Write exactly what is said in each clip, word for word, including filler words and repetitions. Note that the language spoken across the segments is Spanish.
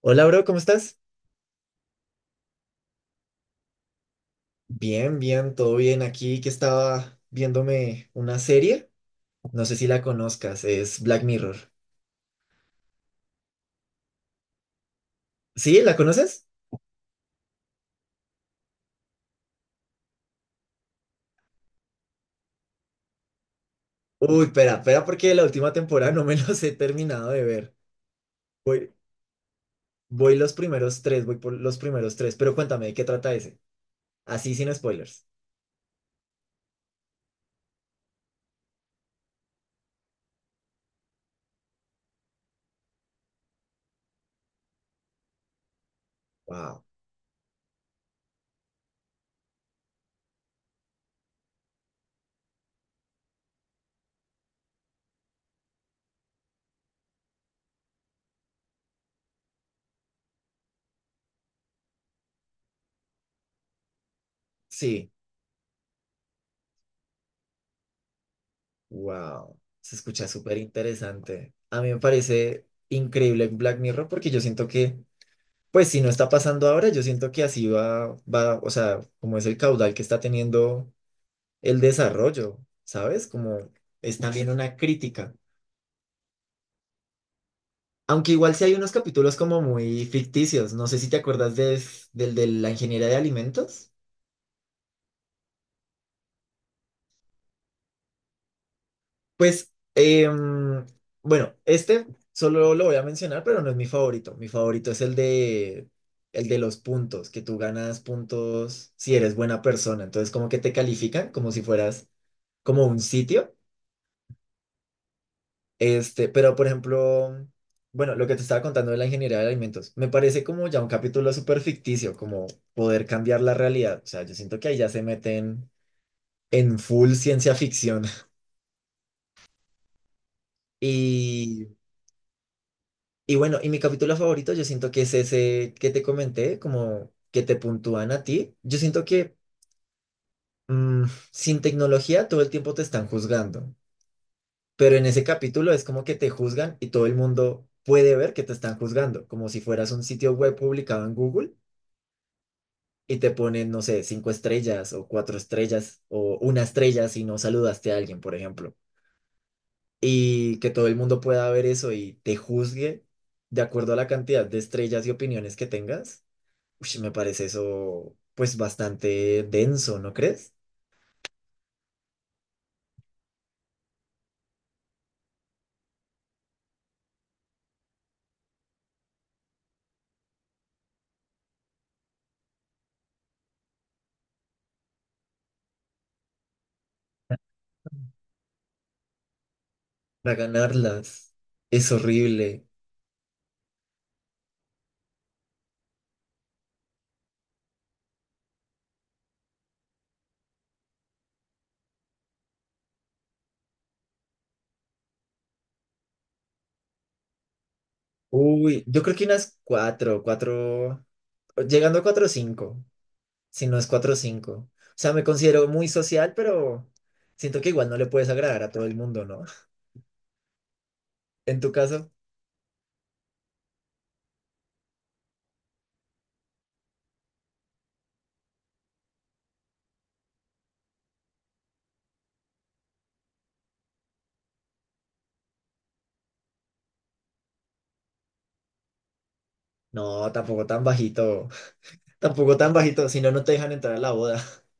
Hola, bro, ¿cómo estás? Bien, bien, todo bien. Aquí que estaba viéndome una serie. No sé si la conozcas, es Black Mirror. ¿Sí? ¿La conoces? Uy, espera, espera, porque la última temporada no me los he terminado de ver. Voy, voy los primeros tres, voy por los primeros tres. Pero cuéntame, ¿de qué trata ese? Así sin spoilers. Wow. Sí, wow. Se escucha súper interesante. A mí me parece increíble Black Mirror porque yo siento que pues si no está pasando ahora, yo siento que así va, va, o sea, como es el caudal que está teniendo el desarrollo, ¿sabes? Como es también una crítica. Aunque igual sí hay unos capítulos como muy ficticios, no sé si te acuerdas de, del de la ingeniería de alimentos. Pues, em, bueno, este solo lo voy a mencionar, pero no es mi favorito. Mi favorito es el de, el de los puntos, que tú ganas puntos si eres buena persona. Entonces, como que te califican como si fueras como un sitio. Este, pero por ejemplo, bueno, lo que te estaba contando de la ingeniería de alimentos, me parece como ya un capítulo súper ficticio, como poder cambiar la realidad. O sea, yo siento que ahí ya se meten en full ciencia ficción. Y, y bueno, y mi capítulo favorito, yo siento que es ese que te comenté, como que te puntúan a ti. Yo siento que mm, sin tecnología todo el tiempo te están juzgando, pero en ese capítulo es como que te juzgan y todo el mundo puede ver que te están juzgando, como si fueras un sitio web publicado en Google y te ponen, no sé, cinco estrellas o cuatro estrellas o una estrella si no saludaste a alguien, por ejemplo. Y que todo el mundo pueda ver eso y te juzgue de acuerdo a la cantidad de estrellas y opiniones que tengas. Ush, me parece eso pues bastante denso, ¿no crees? Para ganarlas es horrible. Uy, yo creo que unas cuatro, cuatro, llegando a cuatro o cinco, si no es cuatro o cinco. O sea, me considero muy social, pero siento que igual no le puedes agradar a todo el mundo, ¿no? En tu caso, no, tampoco tan bajito, tampoco tan bajito, si no, no te dejan entrar a la boda.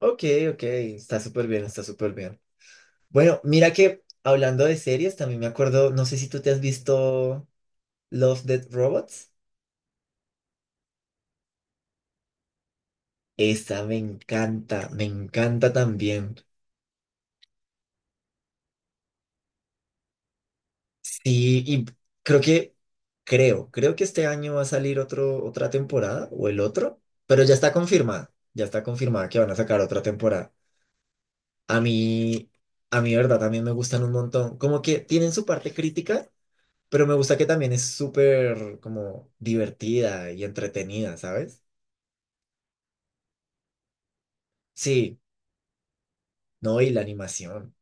Ok, ok, está súper bien, está súper bien. Bueno, mira que hablando de series, también me acuerdo, no sé si tú te has visto Love, Death Robots. Esa me encanta, me encanta también. Sí, y creo que, creo, creo que este año va a salir otro, otra temporada o el otro, pero ya está confirmada, ya está confirmada que van a sacar otra temporada. A mí, a mí, verdad, también me gustan un montón. Como que tienen su parte crítica, pero me gusta que también es súper como divertida y entretenida, ¿sabes? Sí, no, y la animación.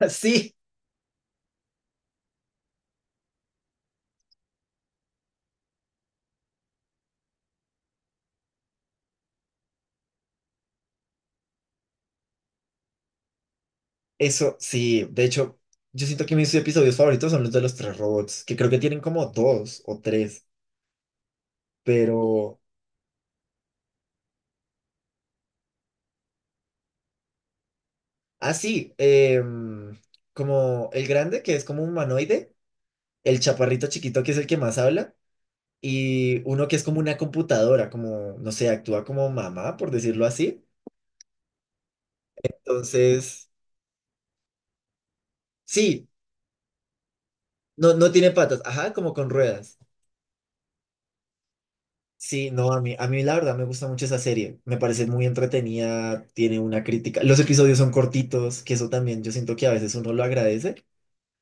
Sí, eso, sí. De hecho, yo siento que mis episodios favoritos son los de los tres robots, que creo que tienen como dos o tres, pero... Ah, sí, em, como el grande, que es como un humanoide, el chaparrito chiquito, que es el que más habla. Y uno que es como una computadora, como, no sé, actúa como mamá, por decirlo así. Entonces, sí, no, no tiene patas, ajá, como con ruedas. Sí, no, a mí, a mí la verdad me gusta mucho esa serie, me parece muy entretenida, tiene una crítica, los episodios son cortitos, que eso también yo siento que a veces uno lo agradece,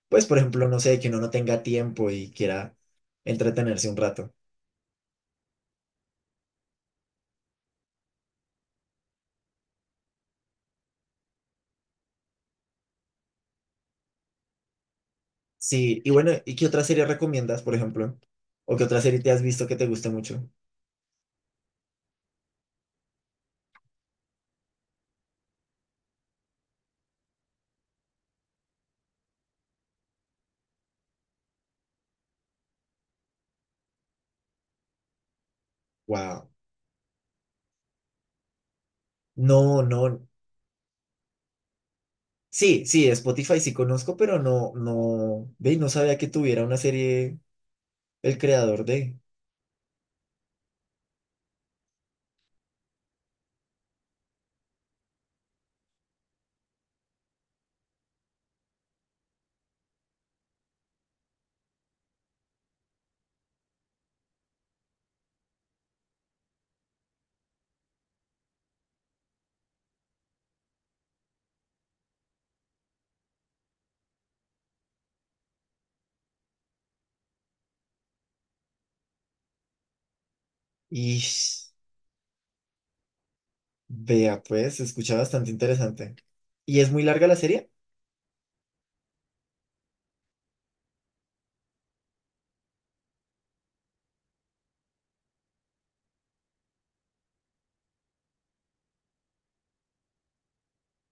pues por ejemplo, no sé, que uno no tenga tiempo y quiera entretenerse un rato. Sí, y bueno, ¿y qué otra serie recomiendas, por ejemplo? ¿O qué otra serie te has visto que te guste mucho? Wow. No, no. Sí, sí, de Spotify sí conozco, pero no, no, ve, no sabía que tuviera una serie el creador de. Y vea, pues, se escucha bastante interesante. ¿Y es muy larga la serie?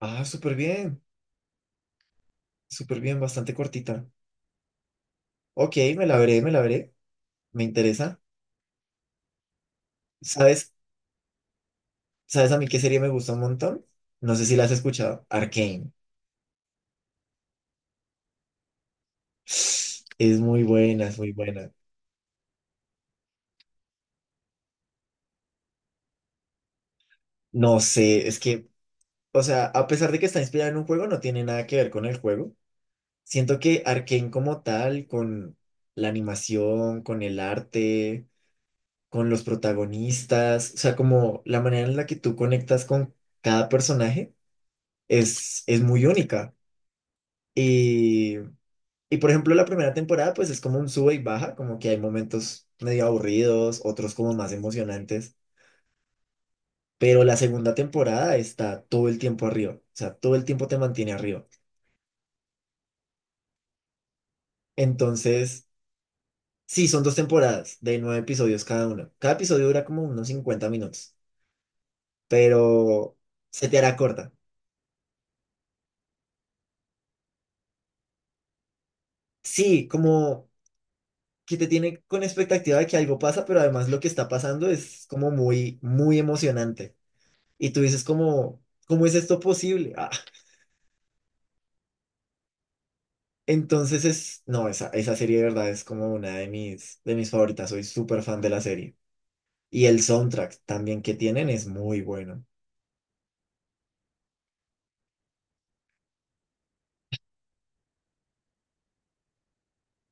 Ah, súper bien, súper bien, bastante cortita. Ok, me la veré, me la veré, me interesa. ¿Sabes, sabes a mí qué serie me gusta un montón? No sé si la has escuchado, Arcane. Es muy buena, es muy buena. No sé, es que, o sea, a pesar de que está inspirada en un juego, no tiene nada que ver con el juego. Siento que Arcane como tal, con la animación, con el arte, con los protagonistas, o sea, como la manera en la que tú conectas con cada personaje es, es muy única. Y, y por ejemplo, la primera temporada pues es como un sube y baja, como que hay momentos medio aburridos, otros como más emocionantes, pero la segunda temporada está todo el tiempo arriba, o sea, todo el tiempo te mantiene arriba. Entonces... sí, son dos temporadas de nueve episodios cada uno. Cada episodio dura como unos cincuenta minutos, pero se te hará corta. Sí, como que te tiene con expectativa de que algo pasa, pero además lo que está pasando es como muy, muy emocionante. Y tú dices como, ¿cómo es esto posible? Ah, entonces es, no, esa esa serie de verdad es como una de mis, de mis favoritas. Soy súper fan de la serie. Y el soundtrack también que tienen es muy bueno.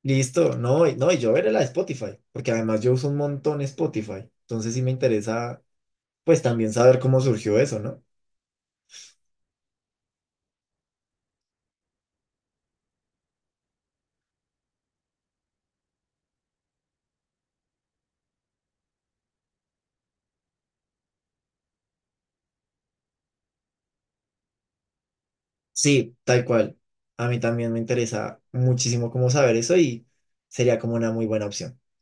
Listo, no, y- no, y yo veré la de Spotify, porque además yo uso un montón Spotify, entonces sí me interesa, pues también saber cómo surgió eso, ¿no? Sí, tal cual, a mí también me interesa muchísimo cómo saber eso y sería como una muy buena opción.